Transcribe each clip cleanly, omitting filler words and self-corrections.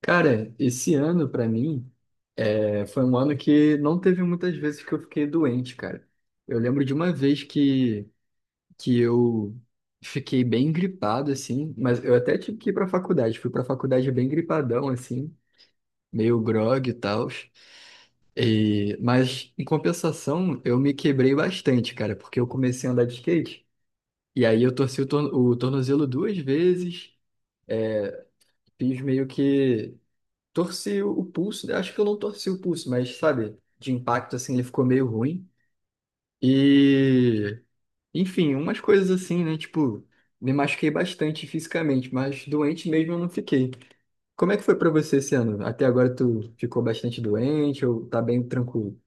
Cara, esse ano pra mim foi um ano que não teve muitas vezes que eu fiquei doente, cara. Eu lembro de uma vez que eu fiquei bem gripado, assim, mas eu até tive que ir pra faculdade. Fui pra faculdade bem gripadão, assim, meio grogue e tal. E, mas, em compensação, eu me quebrei bastante, cara, porque eu comecei a andar de skate. E aí eu torci o tornozelo duas vezes, eh, fiz meio que. Torci o pulso, né? Acho que eu não torci o pulso, mas sabe, de impacto assim, ele ficou meio ruim. E, enfim, umas coisas assim, né? Tipo, me machuquei bastante fisicamente, mas doente mesmo eu não fiquei. Como é que foi pra você esse ano? Até agora tu ficou bastante doente ou tá bem tranquilo?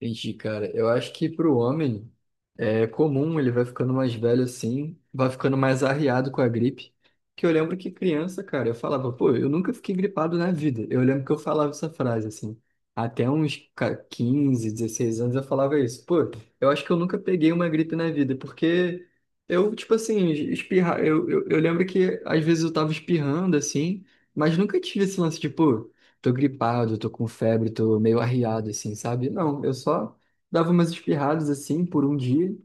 Entendi, cara. Eu acho que pro homem é comum, ele vai ficando mais velho assim, vai ficando mais arriado com a gripe. Que eu lembro que criança, cara, eu falava, pô, eu nunca fiquei gripado na vida. Eu lembro que eu falava essa frase assim. Até uns 15, 16 anos eu falava isso. Pô, eu acho que eu nunca peguei uma gripe na vida, porque eu, tipo assim, espirrar. Eu lembro que às vezes eu tava espirrando assim, mas nunca tive esse lance de, pô, tô gripado, tô com febre, tô meio arriado, assim, sabe? Não, eu só dava umas espirradas, assim, por um dia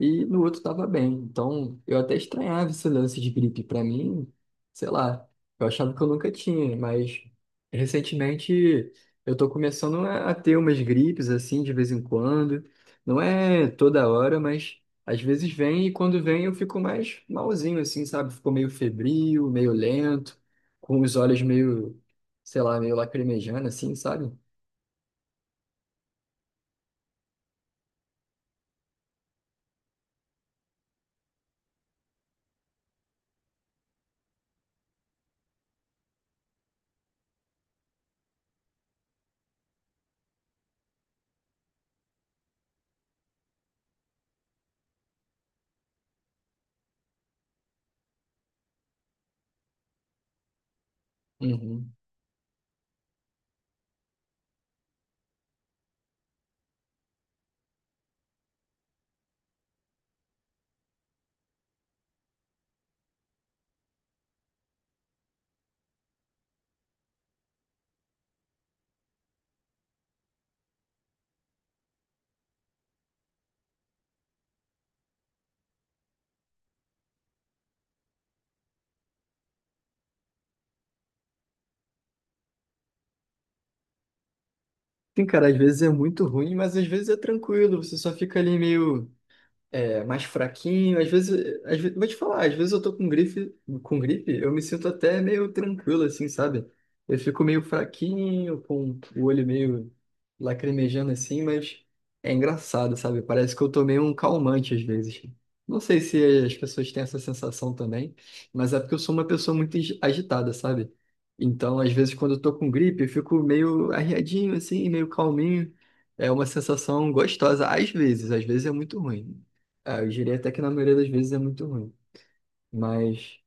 e no outro tava bem. Então, eu até estranhava esse lance de gripe pra mim, sei lá, eu achava que eu nunca tinha, mas recentemente eu tô começando a ter umas gripes, assim, de vez em quando. Não é toda hora, mas às vezes vem e quando vem eu fico mais malzinho, assim, sabe? Ficou meio febril, meio lento, com os olhos meio, sei lá, meio lacrimejando, assim, sabe? Uhum. Sim, cara, às vezes é muito ruim, mas às vezes é tranquilo, você só fica ali meio. É, mais fraquinho. Às vezes, vou te falar, às vezes eu tô com gripe, eu me sinto até meio tranquilo, assim, sabe? Eu fico meio fraquinho, com o olho meio lacrimejando assim, mas é engraçado, sabe? Parece que eu tomei um calmante às vezes. Não sei se as pessoas têm essa sensação também, mas é porque eu sou uma pessoa muito agitada, sabe? Então, às vezes, quando eu tô com gripe, eu fico meio arriadinho, assim, meio calminho. É uma sensação gostosa, às vezes é muito ruim. Ah, eu diria até que na maioria das vezes é muito ruim. Mas,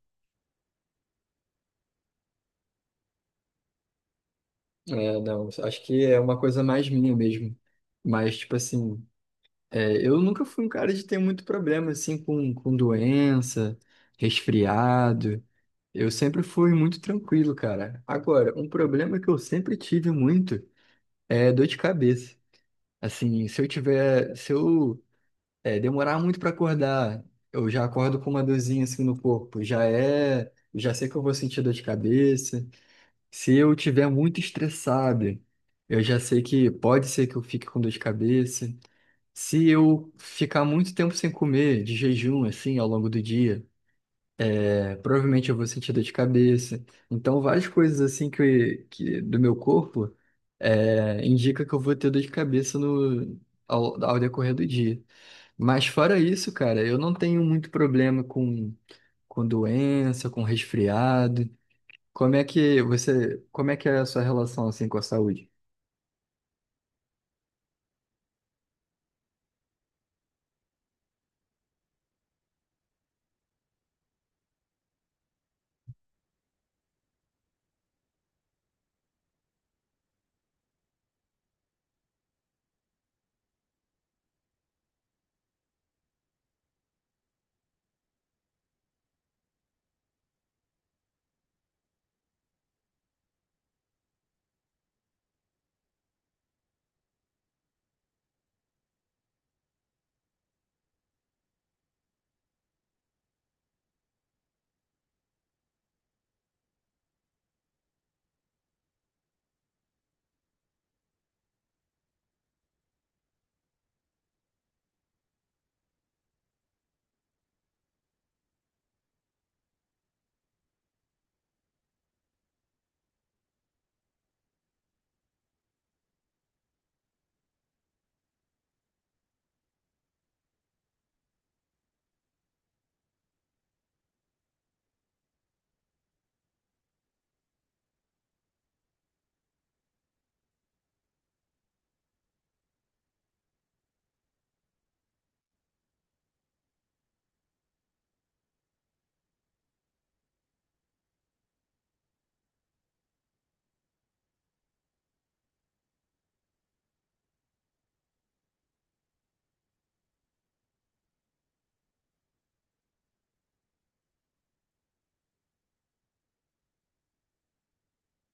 é, não, acho que é uma coisa mais minha mesmo. Mas, tipo assim, é, eu nunca fui um cara de ter muito problema, assim, com doença, resfriado. Eu sempre fui muito tranquilo, cara. Agora, um problema que eu sempre tive muito é dor de cabeça. Assim, se eu tiver, se eu, demorar muito pra acordar, eu já acordo com uma dorzinha, assim, no corpo. Já é, já sei que eu vou sentir dor de cabeça. Se eu tiver muito estressado, eu já sei que pode ser que eu fique com dor de cabeça. Se eu ficar muito tempo sem comer, de jejum, assim, ao longo do dia, é, provavelmente eu vou sentir dor de cabeça. Então, várias coisas, assim, que do meu corpo, é, indica que eu vou ter dor de cabeça no, ao decorrer do dia. Mas fora isso, cara, eu não tenho muito problema com doença, com resfriado. Como é que é a sua relação assim com a saúde?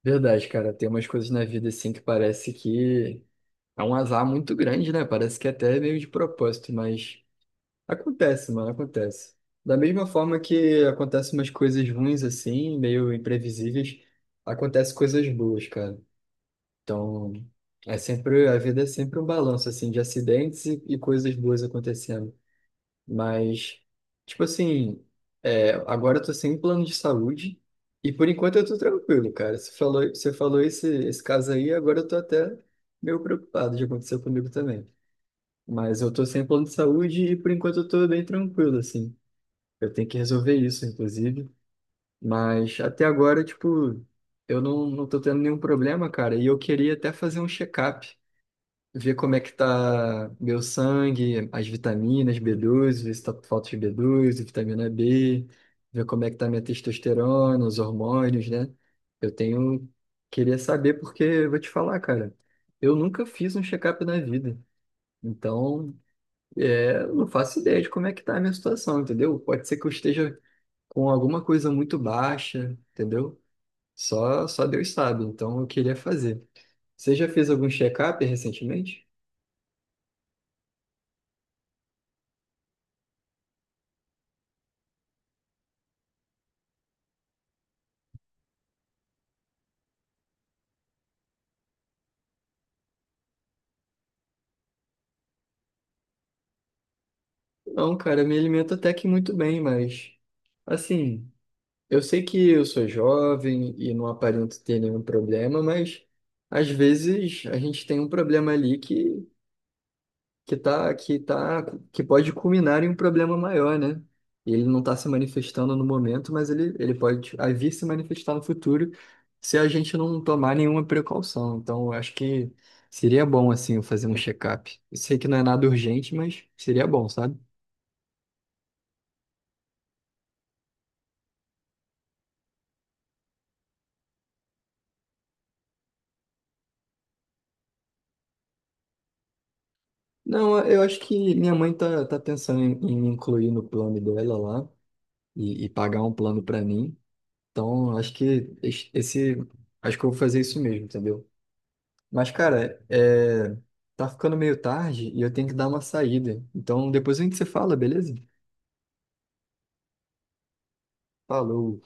Verdade, cara, tem umas coisas na vida assim que parece que é um azar muito grande, né? Parece que até é meio de propósito, mas acontece, mano, acontece. Da mesma forma que acontecem umas coisas ruins assim, meio imprevisíveis, acontecem coisas boas, cara. Então, é sempre, a vida é sempre um balanço assim de acidentes e coisas boas acontecendo. Mas, tipo assim, é, agora eu tô sem plano de saúde e por enquanto eu tô tranquilo, cara. Você falou esse, esse caso aí, agora eu tô até meio preocupado de acontecer comigo também. Mas eu tô sem plano de saúde e por enquanto eu tô bem tranquilo, assim. Eu tenho que resolver isso, inclusive. Mas até agora, tipo, eu não tô tendo nenhum problema, cara. E eu queria até fazer um check-up, ver como é que tá meu sangue, as vitaminas B12, ver se tá com falta de B12, vitamina B, ver como é que tá minha testosterona, os hormônios, né? Eu tenho, queria saber porque eu vou te falar, cara, eu nunca fiz um check-up na vida. Então, é, eu não faço ideia de como é que tá a minha situação, entendeu? Pode ser que eu esteja com alguma coisa muito baixa, entendeu? Só Deus sabe, então eu queria fazer. Você já fez algum check-up recentemente? Não, cara, me alimento até que muito bem, mas assim, eu sei que eu sou jovem e não aparento ter nenhum problema, mas às vezes a gente tem um problema ali que tá que pode culminar em um problema maior, né? E ele não está se manifestando no momento, mas ele pode a vir se manifestar no futuro se a gente não tomar nenhuma precaução. Então, eu acho que seria bom assim eu fazer um check-up. Eu sei que não é nada urgente, mas seria bom, sabe? Não, eu acho que minha mãe tá pensando em, em me incluir no plano dela lá e pagar um plano pra mim. Então, acho que eu vou fazer isso mesmo, entendeu? Mas, cara, é, tá ficando meio tarde e eu tenho que dar uma saída. Então, depois a gente se fala, beleza? Falou.